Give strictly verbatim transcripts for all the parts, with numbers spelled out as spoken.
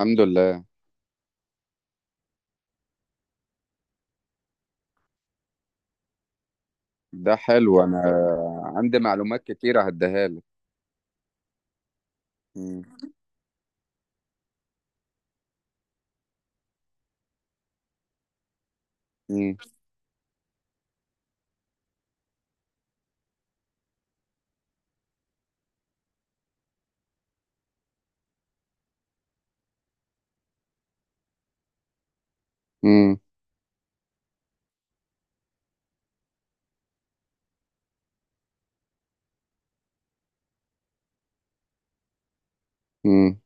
الحمد لله. ده حلو، انا عندي معلومات كتيره هديها لك. مم. مم. مم. مم.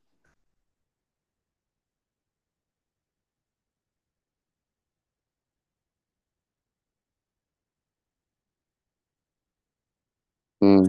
مم.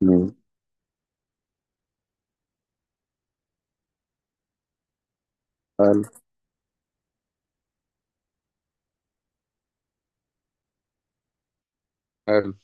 مم. حلو. حلو.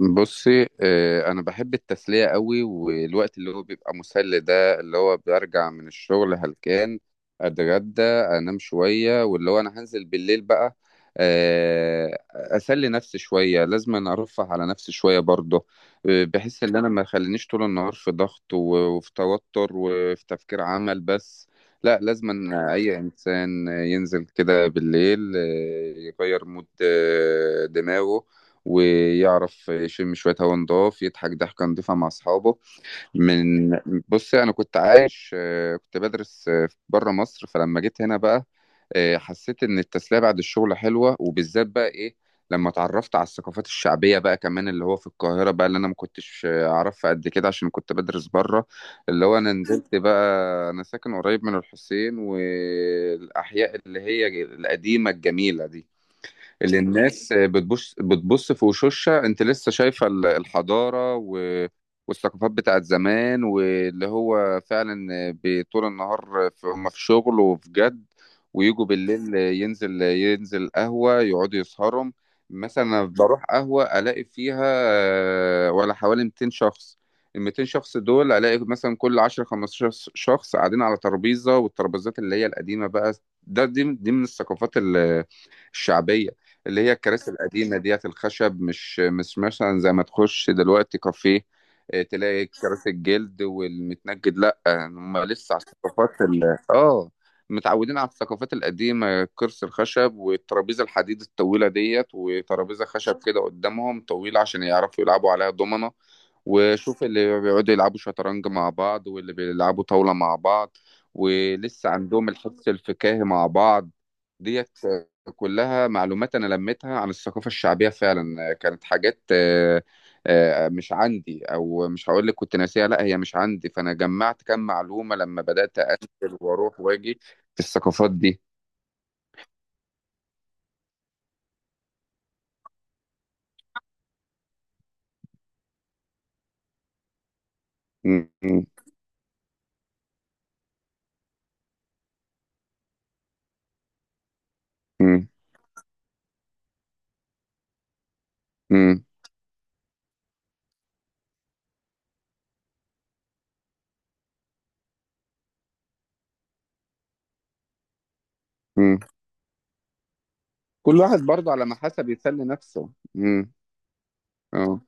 بصي، آه، انا بحب التسليه قوي، والوقت اللي هو بيبقى مسلي ده، اللي هو برجع من الشغل هلكان اتغدى انام شويه، واللي هو انا هنزل بالليل بقى آه، اسلي نفسي شويه. لازم أنا ارفه على نفسي شويه برضه. آه، بحس ان انا ما خلينيش طول النهار في ضغط و- وفي توتر وفي تفكير عمل بس. لا، لازم أن اي انسان ينزل كده بالليل، آه، يغير مود آه، دماغه، ويعرف يشم شوية هوا نضاف، يضحك ضحكة نضيفة مع أصحابه من. بص، أنا كنت عايش، آه، كنت بدرس آه، بره مصر. فلما جيت هنا بقى آه، حسيت إن التسلية بعد الشغل حلوة، وبالذات بقى إيه لما اتعرفت على الثقافات الشعبية بقى كمان، اللي هو في القاهرة بقى، اللي أنا ما كنتش آه، أعرفها قد كده عشان كنت بدرس بره. اللي هو أنا نزلت بقى. أنا ساكن قريب من الحسين والأحياء اللي هي القديمة الجميلة دي، اللي الناس بتبص بتبص في وشوشها. انت لسه شايفه ال- الحضاره و... والثقافات بتاعت زمان، واللي هو فعلا بطول النهار في... هم في شغل وفي جد. ويجوا بالليل ينزل ينزل قهوه، يقعدوا يسهروا. مثلا أنا بروح قهوه الاقي فيها آه، ولا حوالي مئتين شخص. ال مئتين شخص دول الاقي مثلا كل عشر خمستاشر شخص قاعدين على ترابيزه، والترابيزات اللي هي القديمه بقى. ده دي دي من الثقافات ال- الشعبيه، اللي هي الكراسي القديمة ديت الخشب. مش مش مثلا زي ما تخش دلوقتي كافيه آه، تلاقي كراسي الجلد والمتنجد. لا، هم لسه على الثقافات ال... اه، متعودين على الثقافات القديمة، كرسي الخشب والترابيزة الحديد الطويلة ديت، وترابيزة خشب كده قدامهم طويلة عشان يعرفوا يلعبوا عليها دومنة. وشوف اللي بيقعدوا يلعبوا شطرنج مع بعض، واللي بيلعبوا طاولة مع بعض، ولسه عندهم الحس الفكاهي مع بعض. ديت كلها معلومات أنا لميتها عن الثقافة الشعبية. فعلا كانت حاجات آه، آه، مش عندي، أو مش هقول لك كنت ناسيها، لا، هي مش عندي. فأنا جمعت كام معلومة لما بدأت أنزل وأروح وأجي في الثقافات دي. م- م- م- م- م. كل واحد برضه على ما حسب يسلي نفسه. م- اه.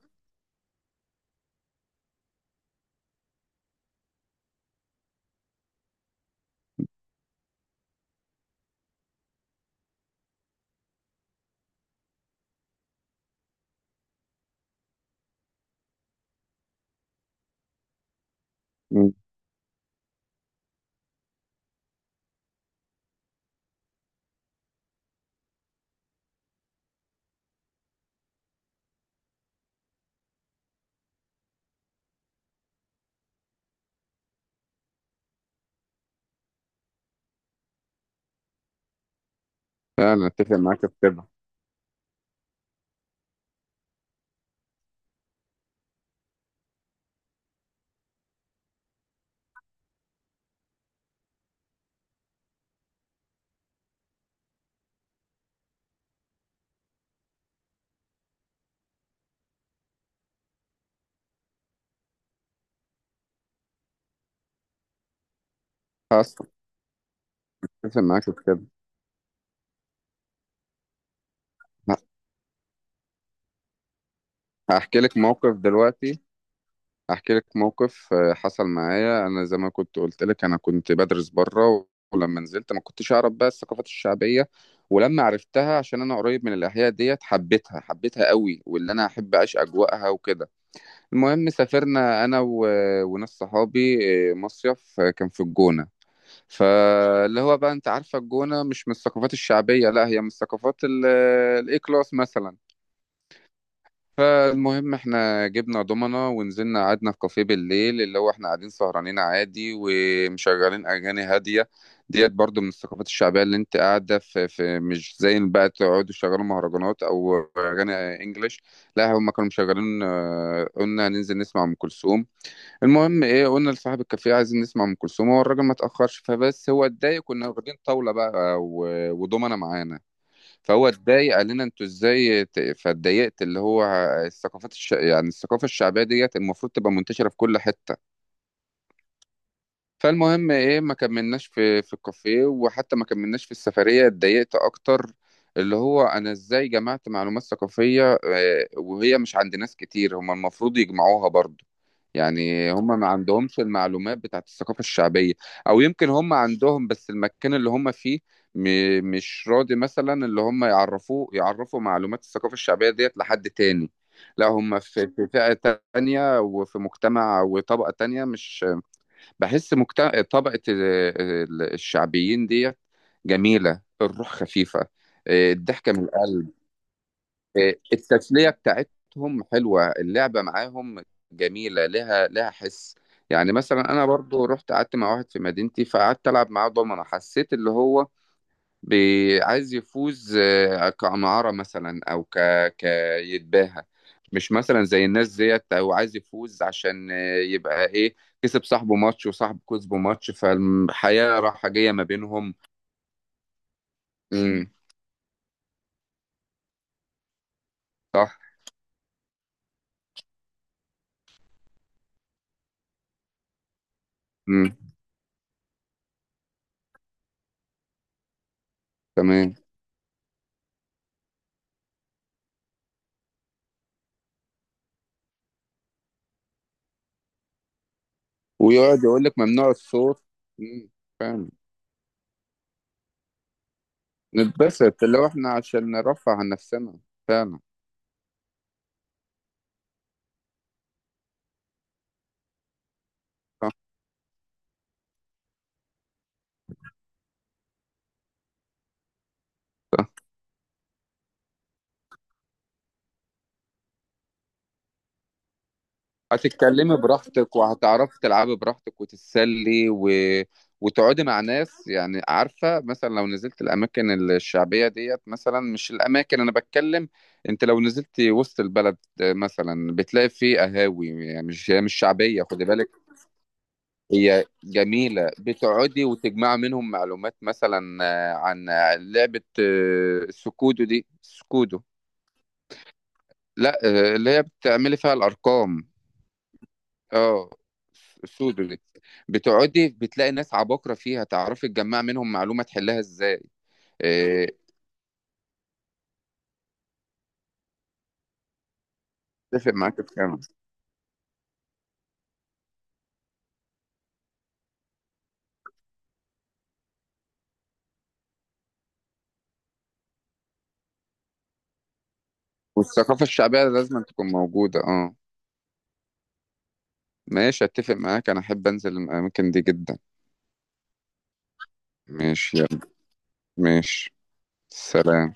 م. فعلا، أتفق معاك في كده. حصل. اتفق معاك في كده. ه- هحكي لك موقف دلوقتي. هحكي لك موقف آه، حصل معايا انا. زي ما كنت قلت لك انا كنت بدرس بره، ولما نزلت ما كنتش اعرف بقى الثقافات الشعبيه. ولما عرفتها عشان انا قريب من الاحياء ديت حبيتها، حبيتها قوي، واللي انا احب اعيش اجواءها وكده. المهم سافرنا انا و... وناس صحابي آه، مصيف، آه، كان في الجونه. فاللي هو بقى انت عارفه الجونه مش من الثقافات الشعبيه، لا، هي من الثقافات الاي كلاس مثلا. فالمهم احنا جبنا دومنا ونزلنا قعدنا في كافيه بالليل، اللي هو احنا قاعدين سهرانين عادي، ومشغلين اغاني هاديه. ديت برضو من الثقافات الشعبيه اللي انت قاعده في, في، مش زي بقى تقعدوا شغالوا مهرجانات او اغاني انجليش. لا، هم كانوا مشغلين، آه، قلنا هننزل نسمع ام كلثوم. المهم ايه، قلنا لصاحب الكافيه عايزين نسمع ام كلثوم، هو الراجل ما تاخرش. فبس هو اتضايق، كنا واخدين طاوله بقى و- ودومنا معانا. فهو اتضايق قال لنا انتوا ازاي ت- فاتضايقت. اللي هو الثقافات الش... يعني الثقافه الشعبيه ديت المفروض تبقى منتشره في كل حته. فالمهم ايه، ما كملناش في في الكافيه، وحتى ما كملناش في السفرية. اتضايقت اكتر، اللي هو انا ازاي جمعت معلومات ثقافية آه، وهي مش عند ناس كتير، هم المفروض يجمعوها برضو. يعني هم ما عندهمش المعلومات بتاعت الثقافة الشعبية. او يمكن هم عندهم بس المكان اللي هم فيه م- مش راضي مثلا اللي هم يعرفوه يعرفوا معلومات الثقافة الشعبية ديت لحد تاني. لا، هم في في فئة تانية وفي مجتمع وطبقة تانية، مش بحس مجتمع طبقة ال- ال- الشعبيين ديت جميلة. الروح خفيفة، آه، الضحكة من القلب، آه، التسلية بتاعتهم حلوة، اللعبة معاهم جميلة، لها لها حس. يعني مثلا أنا برضو رحت قعدت مع واحد في مدينتي، فقعدت ألعب معاه دومنة. حسيت اللي هو بي- عايز يفوز آه، كعمارة مثلا، أو ك... كيتباهى، مش مثلا زي الناس ديت. أو عايز يفوز عشان آه، يبقى إيه، كسب صاحبه ماتش وصاحبه كسبه ماتش، فالحياة رايحة جاية ما بينهم. امم. صح. امم. تمام. ويقعد يقول لك ممنوع الصوت. امم. فاهم. نتبسط، اللي هو إحنا عشان نرفع عن نفسنا. فعلا. صح. هتتكلمي براحتك وهتعرفي تلعبي براحتك وتتسلي و... وتقعدي مع ناس. يعني عارفة مثلا لو نزلت الأماكن الشعبية ديت، مثلا مش الأماكن أنا بتكلم. أنت لو نزلت وسط البلد مثلا بتلاقي فيه قهاوي يعني، مش هي مش شعبية، خدي بالك. هي جميلة، بتقعدي وتجمع منهم معلومات مثلا آه، عن لعبة آه، السكودو دي، السكودو. لا، آه، اللي هي بتعملي فيها الأرقام. اه. السوداني. بتقعدي بتلاقي ناس عباقرة فيها، تعرفي تجمع منهم معلومة تحلها ازاي. إيه، اتفق معاك في كلامك. والثقافة الشعبية لازم تكون موجودة. اه. ماشي، اتفق معاك، انا احب انزل الاماكن دي جدا. ماشي، يلا. ماشي. سلام.